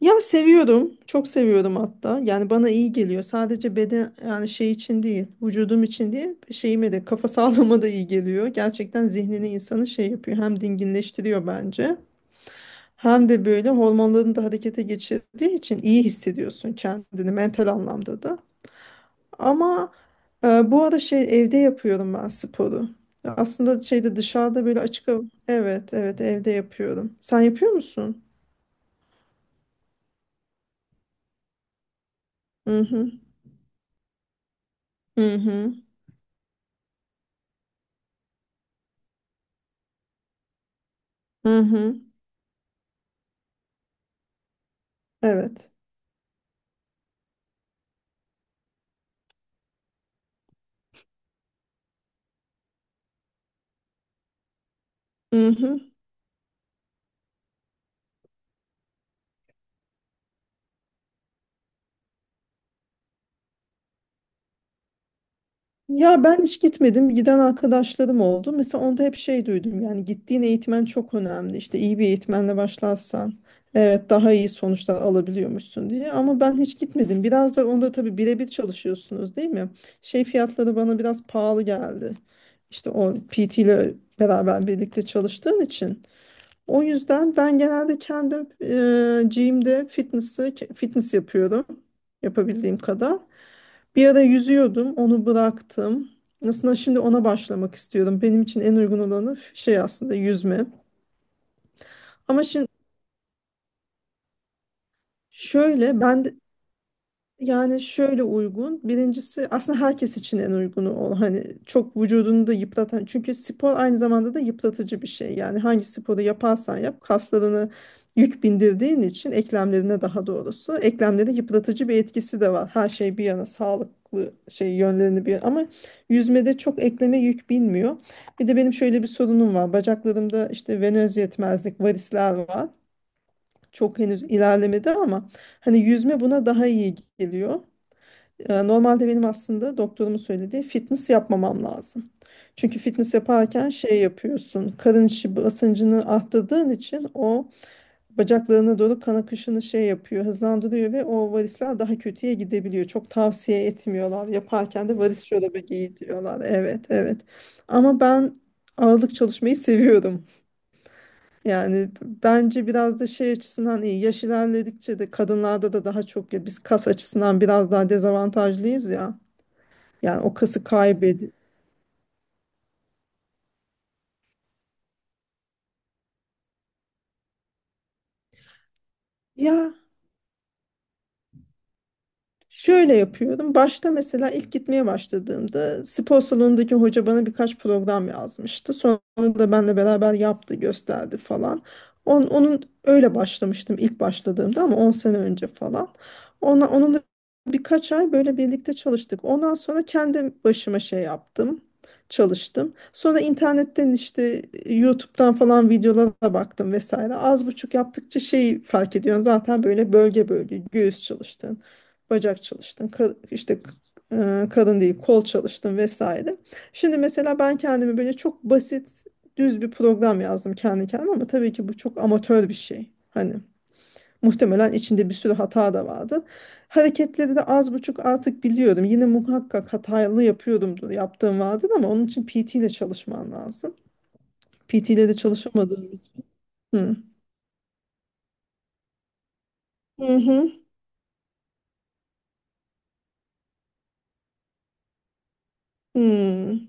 Ya seviyorum. Çok seviyorum hatta. Yani bana iyi geliyor. Sadece beden yani şey için değil, vücudum için değil, şeyime de kafa sağlığıma da iyi geliyor. Gerçekten zihnini insanı şey yapıyor. Hem dinginleştiriyor bence. Hem de böyle hormonların da harekete geçirdiği için iyi hissediyorsun kendini mental anlamda da. Ama bu ara şey evde yapıyorum ben sporu. Ya aslında şeyde dışarıda böyle açık hava. Evet, evet evde yapıyorum. Sen yapıyor musun? Hı hı. Hı hı. Hı hı. Evet. Mhm. Ya ben hiç gitmedim. Giden arkadaşlarım oldu. Mesela onda hep şey duydum. Yani gittiğin eğitmen çok önemli. İşte iyi bir eğitmenle başlarsan evet daha iyi sonuçlar alabiliyormuşsun diye. Ama ben hiç gitmedim. Biraz da onda tabii birebir çalışıyorsunuz değil mi? Şey fiyatları bana biraz pahalı geldi. İşte o PT ile beraber birlikte çalıştığın için. O yüzden ben genelde kendim gym'de fitness yapıyorum. Yapabildiğim kadar. Bir ara yüzüyordum, onu bıraktım. Aslında şimdi ona başlamak istiyorum. Benim için en uygun olanı şey aslında yüzme. Ama şimdi şöyle ben de- Yani şöyle uygun. Birincisi aslında herkes için en uygunu ol. Hani çok vücudunu da yıpratan. Çünkü spor aynı zamanda da yıpratıcı bir şey. Yani hangi sporu yaparsan yap kaslarını yük bindirdiğin için eklemlerine daha doğrusu eklemlere yıpratıcı bir etkisi de var. Her şey bir yana sağlıklı şey yönlerini bir ama yüzmede çok ekleme yük binmiyor. Bir de benim şöyle bir sorunum var. Bacaklarımda işte venöz yetmezlik, varisler var. Çok henüz ilerlemedi ama hani yüzme buna daha iyi geliyor. Normalde benim aslında doktorumun söylediği fitness yapmamam lazım. Çünkü fitness yaparken şey yapıyorsun. Karın içi basıncını arttırdığın için o bacaklarına doğru kan akışını şey yapıyor, hızlandırıyor ve o varisler daha kötüye gidebiliyor. Çok tavsiye etmiyorlar. Yaparken de varis çorabı giy diyorlar. Evet, evet. Ama ben ağırlık çalışmayı seviyorum. Yani bence biraz da şey açısından iyi. Yaş ilerledikçe de kadınlarda da daha çok ya biz kas açısından biraz daha dezavantajlıyız ya. Yani o kası kaybediyor. Ya şöyle yapıyorum. Başta mesela ilk gitmeye başladığımda spor salonundaki hoca bana birkaç program yazmıştı. Sonra da benle beraber yaptı, gösterdi falan. Onun öyle başlamıştım ilk başladığımda ama 10 sene önce falan. Onunla birkaç ay böyle birlikte çalıştık. Ondan sonra kendi başıma şey yaptım. Çalıştım. Sonra internetten işte YouTube'dan falan videolara baktım vesaire. Az buçuk yaptıkça şeyi fark ediyorsun zaten böyle bölge bölge göğüs çalıştı, bacak çalıştın, işte karın değil kol çalıştın vesaire. Şimdi mesela ben kendimi böyle çok basit düz bir program yazdım kendi kendime ama tabii ki bu çok amatör bir şey. Hani muhtemelen içinde bir sürü hata da vardı. Hareketleri de az buçuk artık biliyorum. Yine muhakkak hatalı yapıyordumdur, yaptığım vardır ama onun için PT ile çalışman lazım. PT ile de çalışamadığım için. Hı. Hı hı. Hı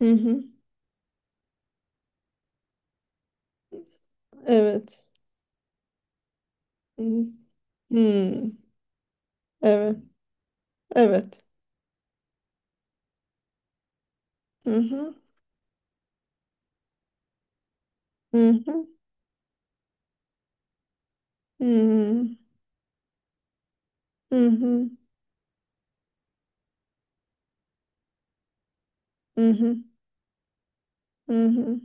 hı. Hı. Evet. Hı. Hı. Evet. Evet. Hı hı, hı hı, hı hı, hı hı, hı hı, hı hı.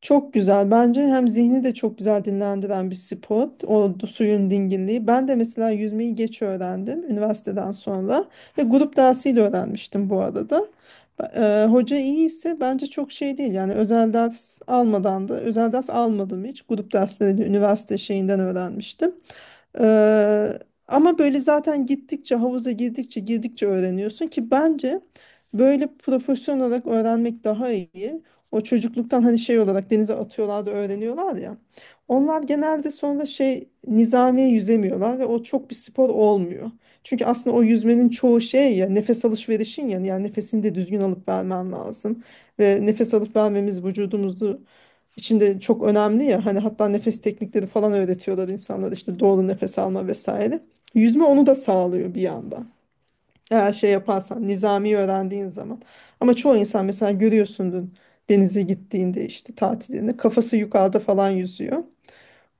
Çok güzel. Bence hem zihni de çok güzel dinlendiren bir spot. Suyun dinginliği. Ben de mesela yüzmeyi geç öğrendim üniversiteden sonra. Ve grup dersiyle öğrenmiştim bu arada. Hoca iyi ise bence çok şey değil. Yani özel ders almadan da özel ders almadım hiç. Grup dersleriyle üniversite şeyinden öğrenmiştim. Eee, ama böyle zaten gittikçe havuza girdikçe girdikçe öğreniyorsun ki bence böyle profesyonel olarak öğrenmek daha iyi. O çocukluktan hani şey olarak denize atıyorlar da öğreniyorlar ya. Onlar genelde sonra şey nizamiye yüzemiyorlar ve o çok bir spor olmuyor. Çünkü aslında o yüzmenin çoğu şey ya nefes alışverişin ya yani nefesini de düzgün alıp vermen lazım. Ve nefes alıp vermemiz vücudumuzu içinde çok önemli ya hani hatta nefes teknikleri falan öğretiyorlar insanlara işte doğru nefes alma vesaire. Yüzme onu da sağlıyor bir yandan. Eğer şey yaparsan nizami öğrendiğin zaman. Ama çoğu insan mesela görüyorsundur denize gittiğinde işte tatilinde kafası yukarıda falan yüzüyor.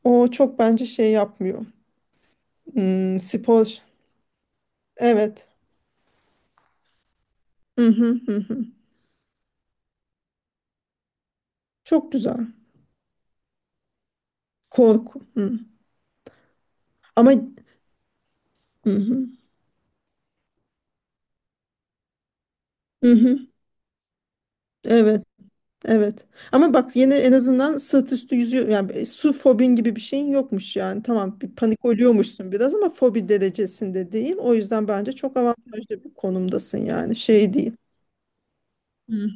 O çok bence şey yapmıyor. Hmm, spor evet. Hı hı hı. Hı. Çok güzel. Korku. Hı. Ama hı hı. Hı hı. Evet. Evet. Ama bak yine en azından sırt üstü yüzüyor. Yani su fobin gibi bir şeyin yokmuş yani. Tamam bir panik oluyormuşsun biraz ama fobi derecesinde değil. O yüzden bence çok avantajlı bir konumdasın yani. Şey değil. Hı.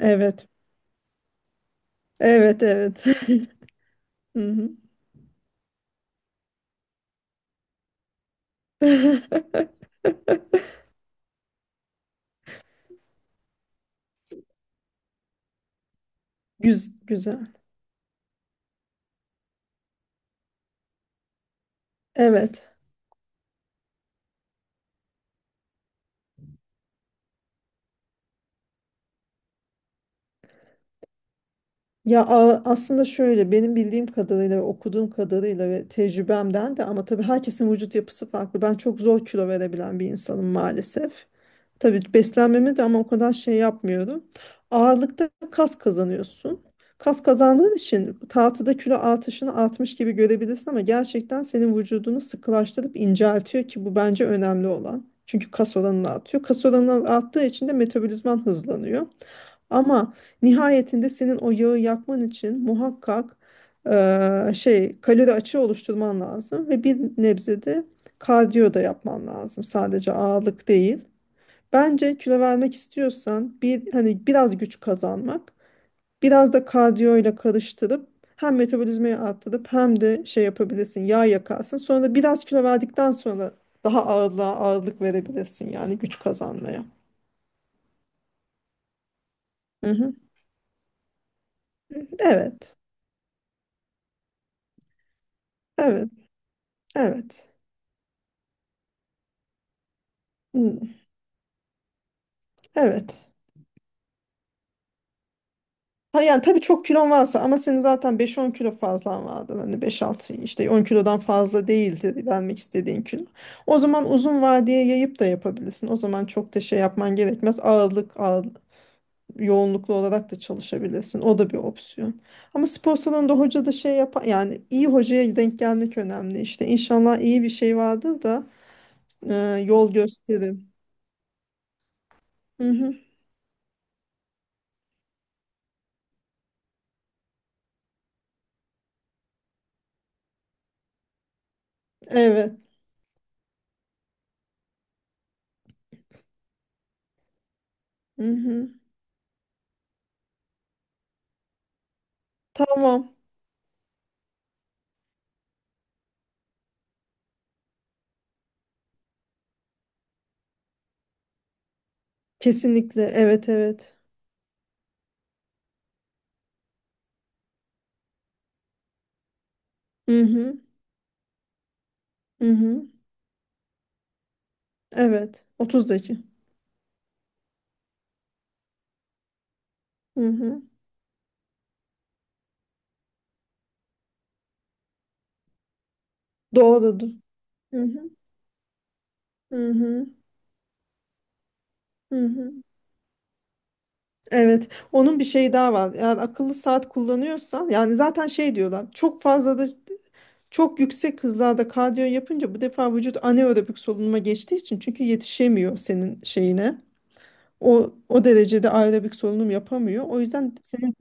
Evet. Evet, evet. Hı hı. Güzel. Evet. Ya aslında şöyle benim bildiğim kadarıyla ve okuduğum kadarıyla ve tecrübemden de ama tabii herkesin vücut yapısı farklı. Ben çok zor kilo verebilen bir insanım maalesef. Tabii beslenmeme de ama o kadar şey yapmıyorum. Ağırlıkta kas kazanıyorsun. Kas kazandığın için tahtada kilo artışını artmış gibi görebilirsin ama gerçekten senin vücudunu sıkılaştırıp inceltiyor ki bu bence önemli olan. Çünkü kas oranını artıyor. Kas oranı arttığı için de metabolizman hızlanıyor. Ama nihayetinde senin o yağı yakman için muhakkak şey kalori açığı oluşturman lazım ve bir nebze de kardiyo da yapman lazım. Sadece ağırlık değil. Bence kilo vermek istiyorsan bir hani biraz güç kazanmak, biraz da kardiyo ile karıştırıp hem metabolizmayı arttırıp hem de şey yapabilirsin, yağ yakarsın. Sonra da biraz kilo verdikten sonra daha ağırlığa ağırlık verebilirsin yani güç kazanmaya. Hı hı. Evet. Evet. Evet. Hı, evet. Ha yani tabii çok kilon varsa ama senin zaten beş on kilo fazlan vardı. Hani beş altı işte 10 kilodan fazla değildi vermek istediğin kilo. O zaman uzun vadeye yayıp da yapabilirsin. O zaman çok da şey yapman gerekmez. Yoğunluklu olarak da çalışabilirsin. O da bir opsiyon. Ama spor salonunda hoca da şey yapar. Yani iyi hocaya denk gelmek önemli işte. İnşallah iyi bir şey vardır da e, yol gösterin. Hı hı. Evet. Hı hı. Tamam. Kesinlikle. Evet evet. Hı hı. Hı hı. Evet. 30'daki. Hı hı. Doğrudur. Hı hı. Hı hı. Hı hı. Evet. Onun bir şeyi daha var. Yani akıllı saat kullanıyorsan yani zaten şey diyorlar. Çok fazla da çok yüksek hızlarda kardiyo yapınca bu defa vücut anaerobik solunuma geçtiği için çünkü yetişemiyor senin şeyine. O derecede aerobik solunum yapamıyor. O yüzden senin.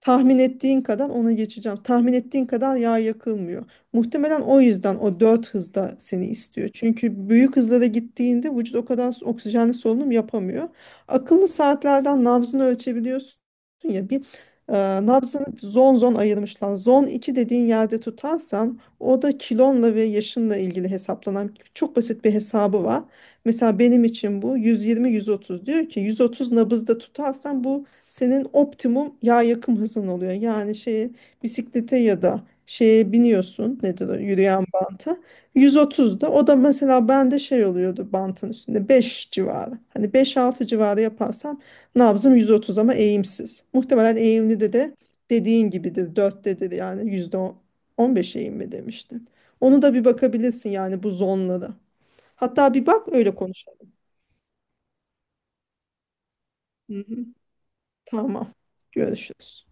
Tahmin ettiğin kadar ona geçeceğim. Tahmin ettiğin kadar yağ yakılmıyor. Muhtemelen o yüzden o 4 hızda seni istiyor. Çünkü büyük hızlara gittiğinde vücut o kadar oksijenli solunum yapamıyor. Akıllı saatlerden nabzını ölçebiliyorsun. Ya e, nabzını zon zon ayırmışlar. Zon 2 dediğin yerde tutarsan o da kilonla ve yaşınla ilgili hesaplanan çok basit bir hesabı var. Mesela benim için bu 120-130 diyor ki 130 nabızda tutarsan bu senin optimum yağ yakım hızın oluyor. Yani şeye bisiklete ya da şeye biniyorsun, nedir o yürüyen banta, 130'da o da mesela bende şey oluyordu bantın üstünde 5 civarı. Hani beş altı civarı yaparsam nabzım 130 ama eğimsiz. Muhtemelen eğimli de de dediğin gibidir, 4'tedir yani. %15 eğim mi demiştin? Onu da bir bakabilirsin yani, bu zonlara. Hatta bir bak öyle konuşalım. Hı hı, tamam. Görüşürüz.